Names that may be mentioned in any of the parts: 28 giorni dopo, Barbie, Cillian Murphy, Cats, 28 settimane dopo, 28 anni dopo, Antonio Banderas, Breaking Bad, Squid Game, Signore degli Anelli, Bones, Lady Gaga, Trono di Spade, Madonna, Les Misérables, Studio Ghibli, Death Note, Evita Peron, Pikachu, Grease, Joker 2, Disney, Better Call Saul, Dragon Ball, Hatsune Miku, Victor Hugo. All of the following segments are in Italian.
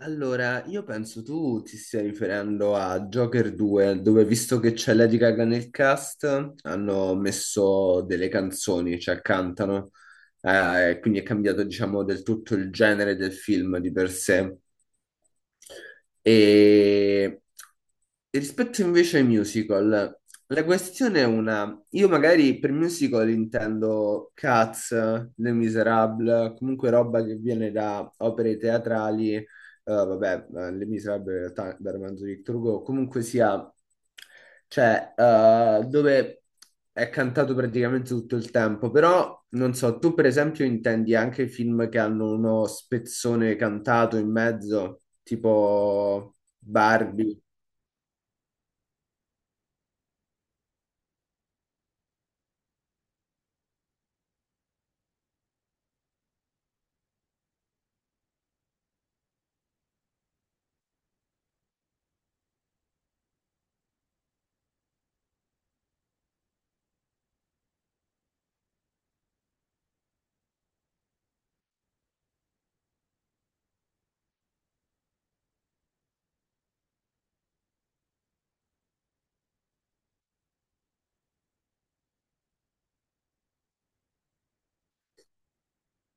Allora, io penso tu ti stia riferendo a Joker 2, dove visto che c'è Lady Gaga nel cast, hanno messo delle canzoni, cioè cantano, e quindi è cambiato, diciamo, del tutto il genere del film di per sé. E Rispetto invece ai musical, la questione è una. Io magari per musical intendo Cats, Les Misérables, comunque roba che viene da opere teatrali, vabbè, Les Misérables in realtà dal romanzo di Victor Hugo, comunque sia, cioè, dove è cantato praticamente tutto il tempo, però non so, tu per esempio intendi anche film che hanno uno spezzone cantato in mezzo, tipo Barbie.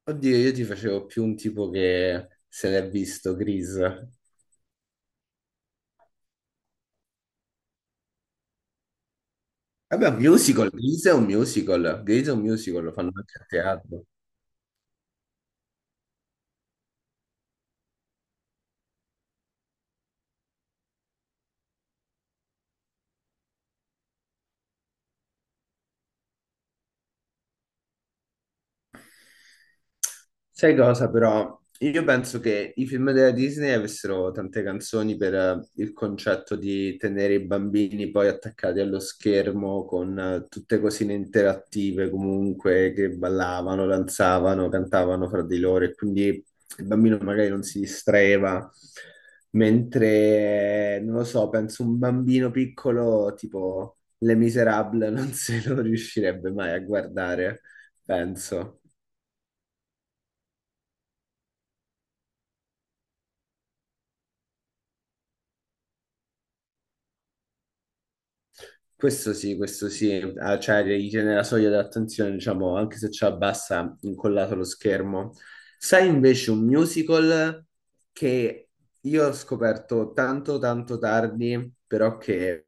Oddio, io ti facevo più un tipo che se l'è visto, Grease. Vabbè, un musical, Grease è un musical, Grease è un musical, lo fanno anche a teatro. Sai cosa però? Io penso che i film della Disney avessero tante canzoni per il concetto di tenere i bambini poi attaccati allo schermo con tutte cosine interattive comunque che ballavano, danzavano, cantavano fra di loro e quindi il bambino magari non si distraeva. Mentre, non lo so, penso un bambino piccolo tipo Les Miserables non se lo riuscirebbe mai a guardare, penso. Questo sì, ah, cioè gli tiene la soglia dell'attenzione, diciamo, anche se ci abbassa incollato lo schermo. Sai invece un musical che io ho scoperto tanto tanto tardi, però che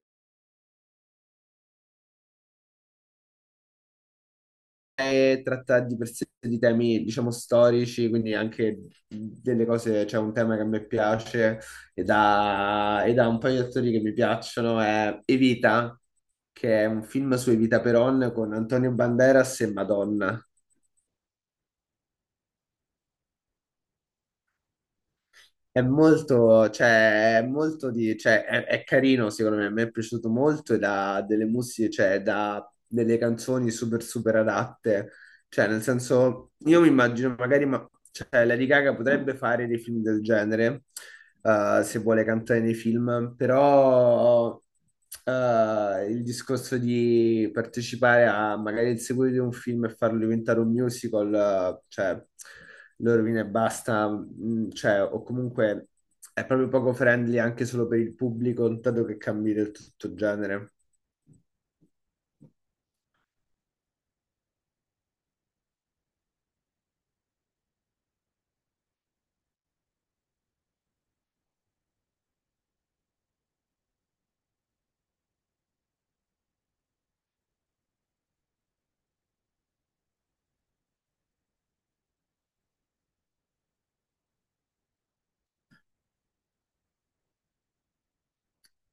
tratta di per sé di temi, diciamo, storici, quindi anche delle cose, c'è un tema che a me piace ed ha un paio di attori che mi piacciono, è Evita, che è un film su Evita Peron con Antonio Banderas e Madonna. È molto, cioè, è molto di, cioè, è carino secondo me, a me è piaciuto molto ed ha delle musiche, cioè, da delle canzoni super, super adatte. Cioè, nel senso, io mi immagino magari, ma, cioè, Lady Gaga potrebbe fare dei film del genere, se vuole cantare nei film, però il discorso di partecipare a magari il seguito di un film e farlo diventare un musical, cioè lo rovina e basta, cioè, o comunque è proprio poco friendly anche solo per il pubblico, dato che cambi del tutto genere.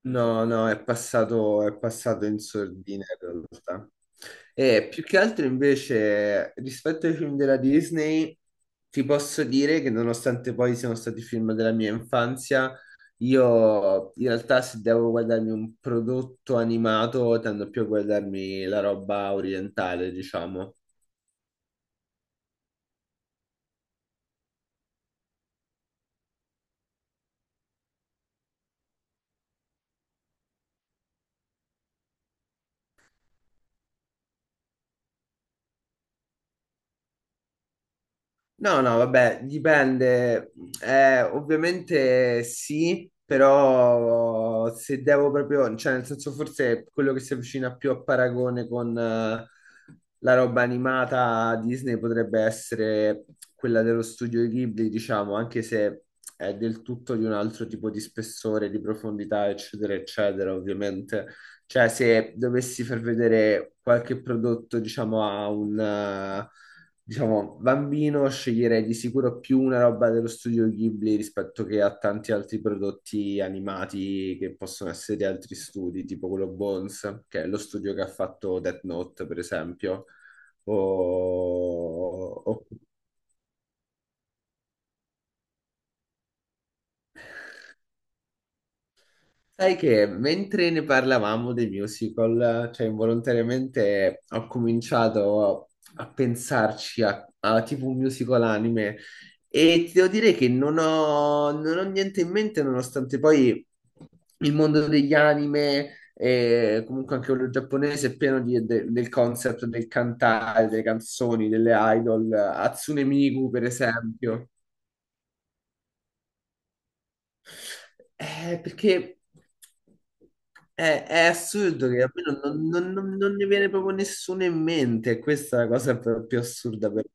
No, no, è passato in sordina in realtà. E più che altro invece, rispetto ai film della Disney, ti posso dire che nonostante poi siano stati film della mia infanzia, io in realtà se devo guardarmi un prodotto animato, tendo più a guardarmi la roba orientale, diciamo. No, no, vabbè, dipende. Ovviamente sì, però se devo proprio, cioè nel senso forse quello che si avvicina più a paragone con la roba animata Disney potrebbe essere quella dello studio Ghibli, diciamo, anche se è del tutto di un altro tipo di spessore, di profondità, eccetera, eccetera, ovviamente. Cioè, se dovessi far vedere qualche prodotto, diciamo, a un, diciamo, bambino, sceglierei di sicuro più una roba dello studio Ghibli rispetto che a tanti altri prodotti animati che possono essere di altri studi, tipo quello Bones, che è lo studio che ha fatto Death Note, per esempio, o Sai che mentre ne parlavamo dei musical, cioè involontariamente ho cominciato a pensarci a, a tipo un musical anime e ti devo dire che non ho niente in mente nonostante poi il mondo degli anime e comunque anche quello giapponese è pieno del concept del cantare, delle canzoni, delle idol, Hatsune Miku per esempio. Perché è assurdo che a me non ne viene proprio nessuno in mente, questa è la cosa più, più assurda per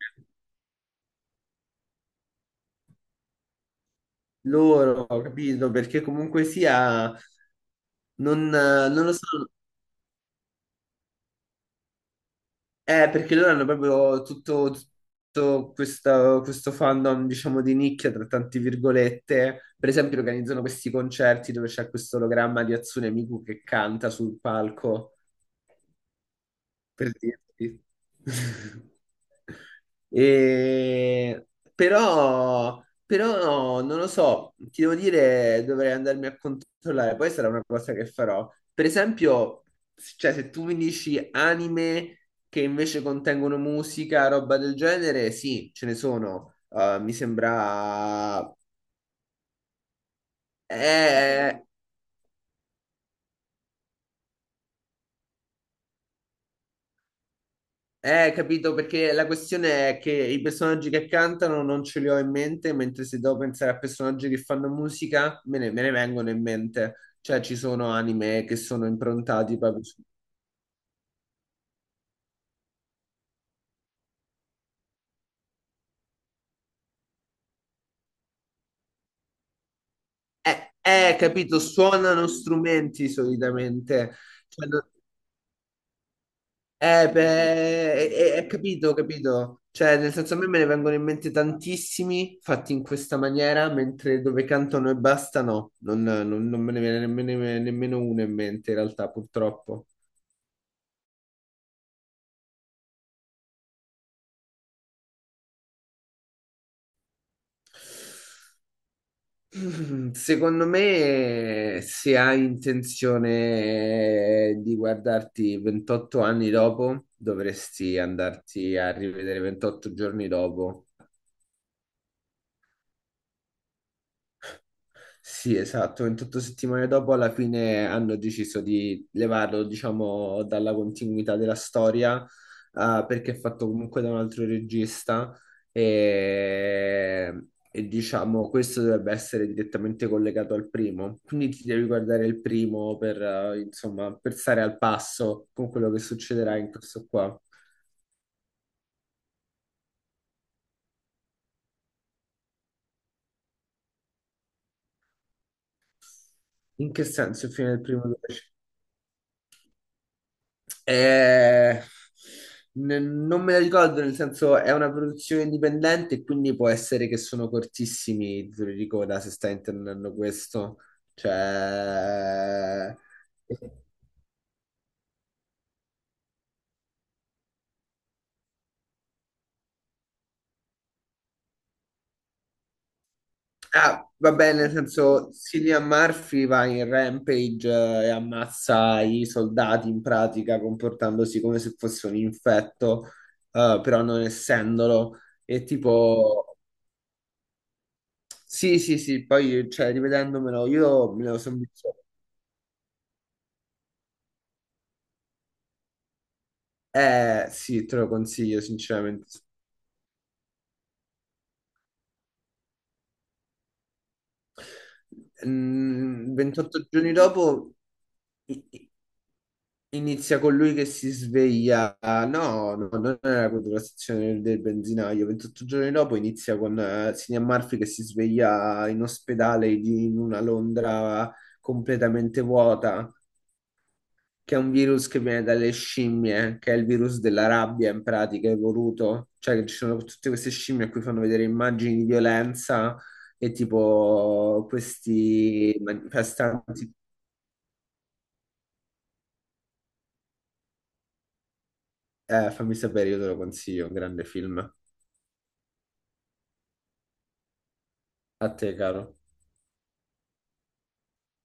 loro, capito? Perché comunque sia, non lo so, è perché loro hanno proprio tutto, questo fandom, diciamo, di nicchia, tra tante virgolette. Per esempio organizzano questi concerti dove c'è questo ologramma di Hatsune Miku che canta sul palco. Per dirti. E- Però, però non lo so, ti devo dire, dovrei andarmi a controllare, poi sarà una cosa che farò. Per esempio, cioè, se tu mi dici anime che invece contengono musica, roba del genere, sì, ce ne sono. Mi sembra... Eh, capito, perché la questione è che i personaggi che cantano non ce li ho in mente, mentre se devo pensare a personaggi che fanno musica, me ne vengono in mente. Cioè, ci sono anime che sono improntati proprio su... capito, suonano strumenti solitamente. Cioè, no- beh, è, capito, capito. Cioè, nel senso, a me me ne vengono in mente tantissimi fatti in questa maniera, mentre dove cantano e basta, no, non me ne viene nemmeno, nemmeno uno in mente, in realtà, purtroppo. Secondo me, se hai intenzione di guardarti 28 anni dopo, dovresti andarti a rivedere 28 giorni dopo. Sì, esatto, 28 settimane dopo alla fine hanno deciso di levarlo, diciamo, dalla continuità della storia, ah, perché è fatto comunque da un altro regista e, diciamo questo dovrebbe essere direttamente collegato al primo, quindi ti devi guardare il primo per, insomma, per stare al passo con quello che succederà in questo qua. In che senso il fine del primo? Eh, non me la ricordo, nel senso è una produzione indipendente, quindi può essere che sono cortissimi i titoli di coda se stai intendendo questo. Cioè... Ah, va bene, nel senso Cillian Murphy va in rampage e ammazza i soldati in pratica comportandosi come se fosse un infetto, però non essendolo. E tipo... Sì, sì, sì, poi cioè, rivedendomelo, io me lo sono visto. Sì, te lo consiglio, sinceramente. 28 giorni dopo i- i- inizia con lui che si sveglia. No, no, non è la contrastazione del benzinaio. 28 giorni dopo inizia con Cillian Murphy che si sveglia in ospedale in una Londra completamente vuota. Che è un virus che viene dalle scimmie, che è il virus della rabbia in pratica, evoluto. Cioè che ci sono tutte queste scimmie a cui fanno vedere immagini di violenza e tipo questi manifestanti. Fammi sapere, io te lo consiglio, un grande film. A te, caro.